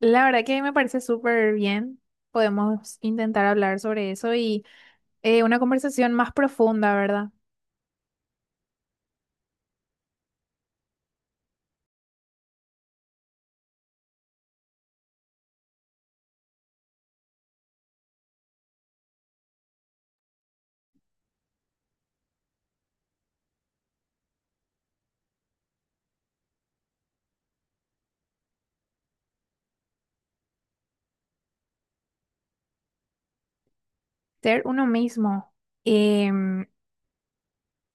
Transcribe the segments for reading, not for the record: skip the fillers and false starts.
La verdad que me parece súper bien. Podemos intentar hablar sobre eso y una conversación más profunda, ¿verdad? Ser uno mismo. Em,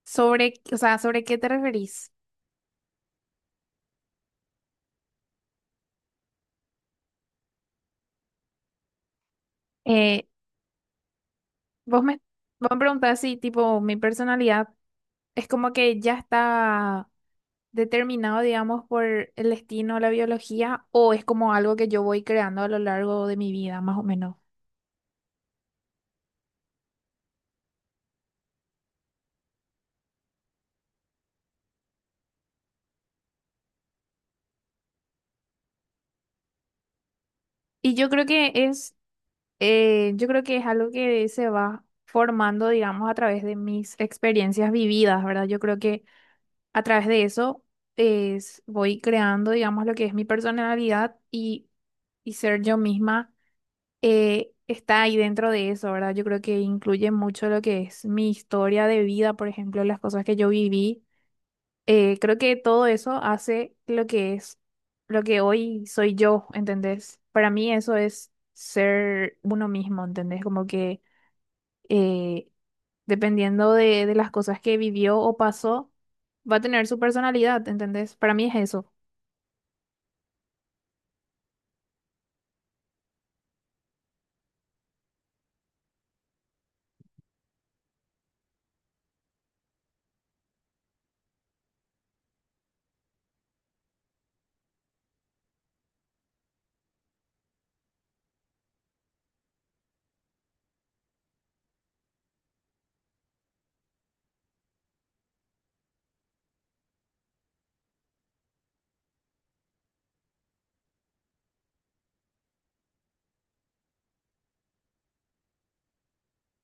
sobre, o sea, ¿sobre qué te referís? Eh, vos me, vos me preguntás si, tipo, mi personalidad es como que ya está determinado, digamos, por el destino, la biología, o es como algo que yo voy creando a lo largo de mi vida, más o menos. Y yo creo que es yo creo que es algo que se va formando, digamos, a través de mis experiencias vividas, ¿verdad? Yo creo que a través de eso es, voy creando, digamos, lo que es mi personalidad y ser yo misma está ahí dentro de eso, ¿verdad? Yo creo que incluye mucho lo que es mi historia de vida, por ejemplo, las cosas que yo viví. Creo que todo eso hace lo que lo que hoy soy yo, ¿entendés? Para mí eso es ser uno mismo, ¿entendés? Como que eh, dependiendo de las cosas que vivió o pasó, va a tener su personalidad, ¿entendés? Para mí es eso.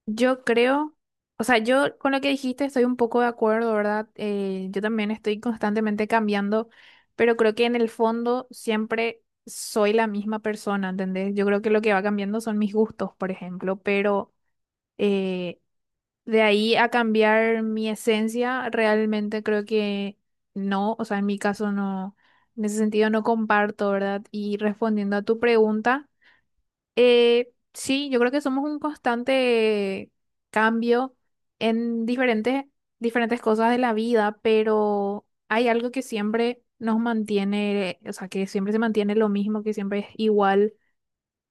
Yo creo, o sea, yo con lo que dijiste estoy un poco de acuerdo, ¿verdad? Yo también estoy constantemente cambiando, pero creo que en el fondo siempre soy la misma persona, ¿entendés? Yo creo que lo que va cambiando son mis gustos, por ejemplo, pero eh, de ahí a cambiar mi esencia, realmente creo que no, o sea, en mi caso no, en ese sentido no comparto, ¿verdad? Y respondiendo a tu pregunta. Sí, yo creo que somos un constante cambio en diferentes cosas de la vida, pero hay algo que siempre nos mantiene, o sea, que siempre se mantiene lo mismo, que siempre es igual,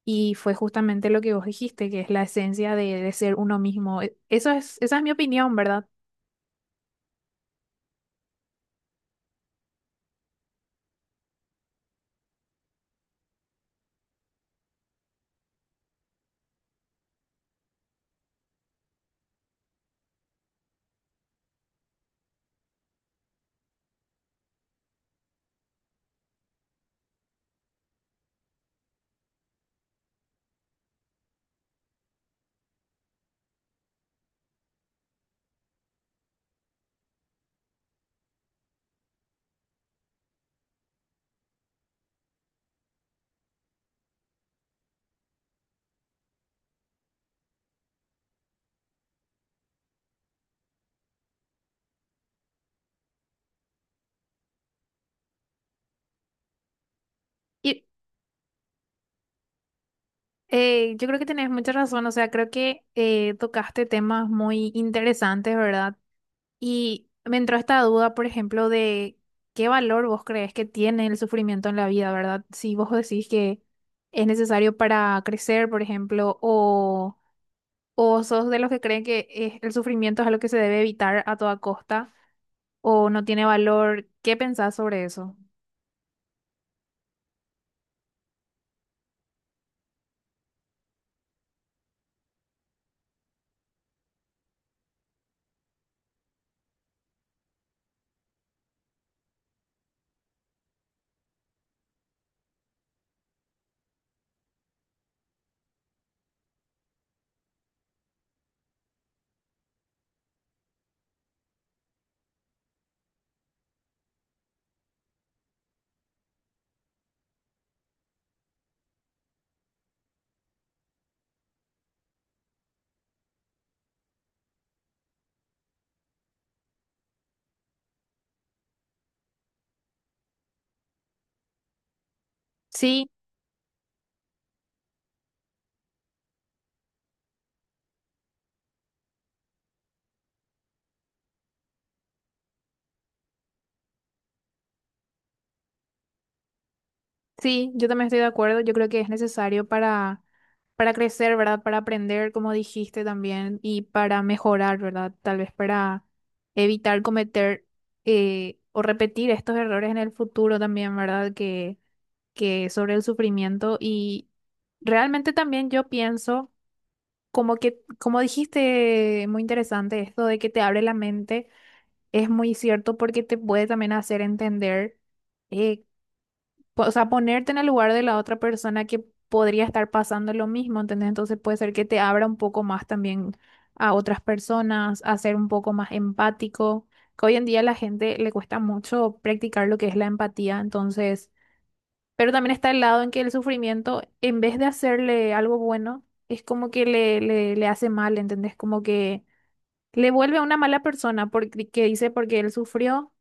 y fue justamente lo que vos dijiste, que es la esencia de ser uno mismo. Esa es mi opinión, ¿verdad? Y yo creo que tenés mucha razón, o sea, creo que tocaste temas muy interesantes, ¿verdad? Y me entró esta duda, por ejemplo, de qué valor vos crees que tiene el sufrimiento en la vida, ¿verdad? Si vos decís que es necesario para crecer, por ejemplo, o sos de los que creen que el sufrimiento es algo que se debe evitar a toda costa, o no tiene valor, ¿qué pensás sobre eso? Sí. Sí, yo también estoy de acuerdo. Yo creo que es necesario para crecer, ¿verdad? Para aprender, como dijiste también, y para mejorar, ¿verdad? Tal vez para evitar cometer o repetir estos errores en el futuro también, ¿verdad? Que sobre el sufrimiento. Y realmente también yo pienso, como que, como dijiste, muy interesante esto de que te abre la mente, es muy cierto porque te puede también hacer entender. eh, O sea, ponerte en el lugar de la otra persona que podría estar pasando lo mismo, ¿entendés? Entonces puede ser que te abra un poco más también a otras personas, a ser un poco más empático, que hoy en día a la gente le cuesta mucho practicar lo que es la empatía, entonces, pero también está el lado en que el sufrimiento, en vez de hacerle algo bueno, es como que le hace mal, ¿entendés? Como que le vuelve a una mala persona porque que dice porque él sufrió,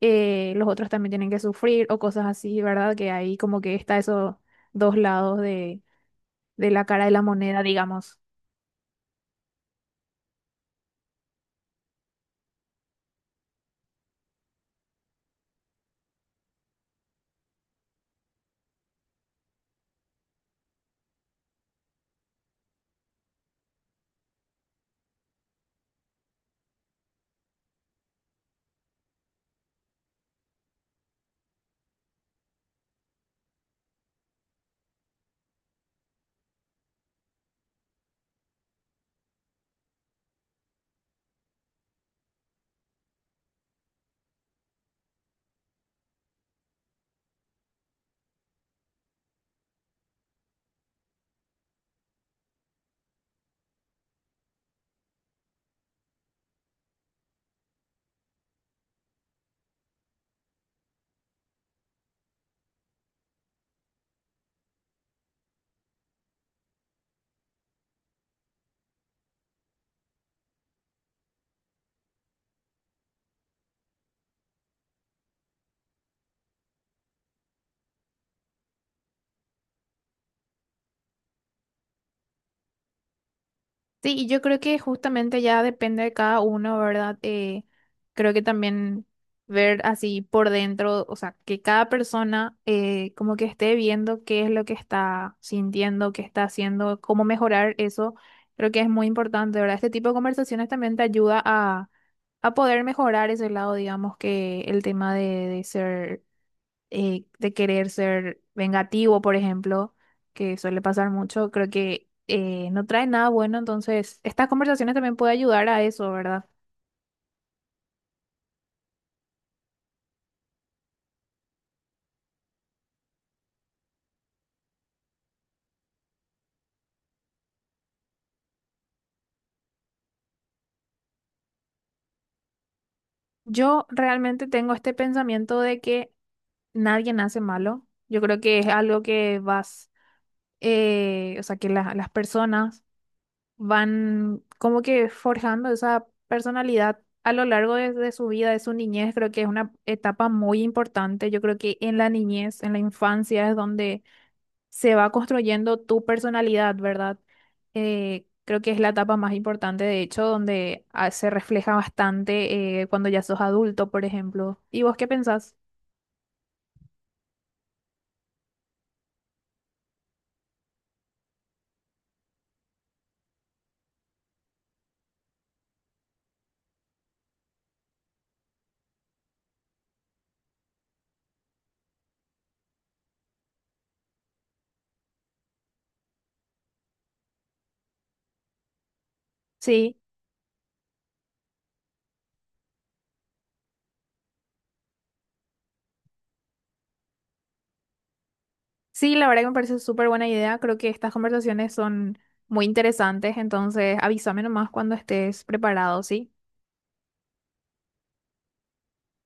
eh, los otros también tienen que sufrir o cosas así, ¿verdad? Que ahí como que está esos dos lados de la cara de la moneda, digamos. Sí, y yo creo que justamente ya depende de cada uno, ¿verdad? Creo que también ver así por dentro, o sea, que cada persona como que esté viendo qué es lo que está sintiendo, qué está haciendo, cómo mejorar eso, creo que es muy importante, ¿verdad? Este tipo de conversaciones también te ayuda a poder mejorar ese lado, digamos, que el tema de ser, de querer ser vengativo, por ejemplo, que suele pasar mucho, creo que no trae nada bueno, entonces estas conversaciones también pueden ayudar a eso, ¿verdad? Yo realmente tengo este pensamiento de que nadie nace malo, yo creo que es algo que vas, o sea, que las personas van como que forjando esa personalidad a lo largo de su vida, de su niñez. Creo que es una etapa muy importante. Yo creo que en la niñez, en la infancia, es donde se va construyendo tu personalidad, ¿verdad? Creo que es la etapa más importante, de hecho, donde se refleja bastante cuando ya sos adulto, por ejemplo. ¿Y vos qué pensás? Sí, sí, la verdad que me parece súper buena idea. Creo que estas conversaciones son muy interesantes, entonces avísame nomás cuando estés preparado, ¿sí?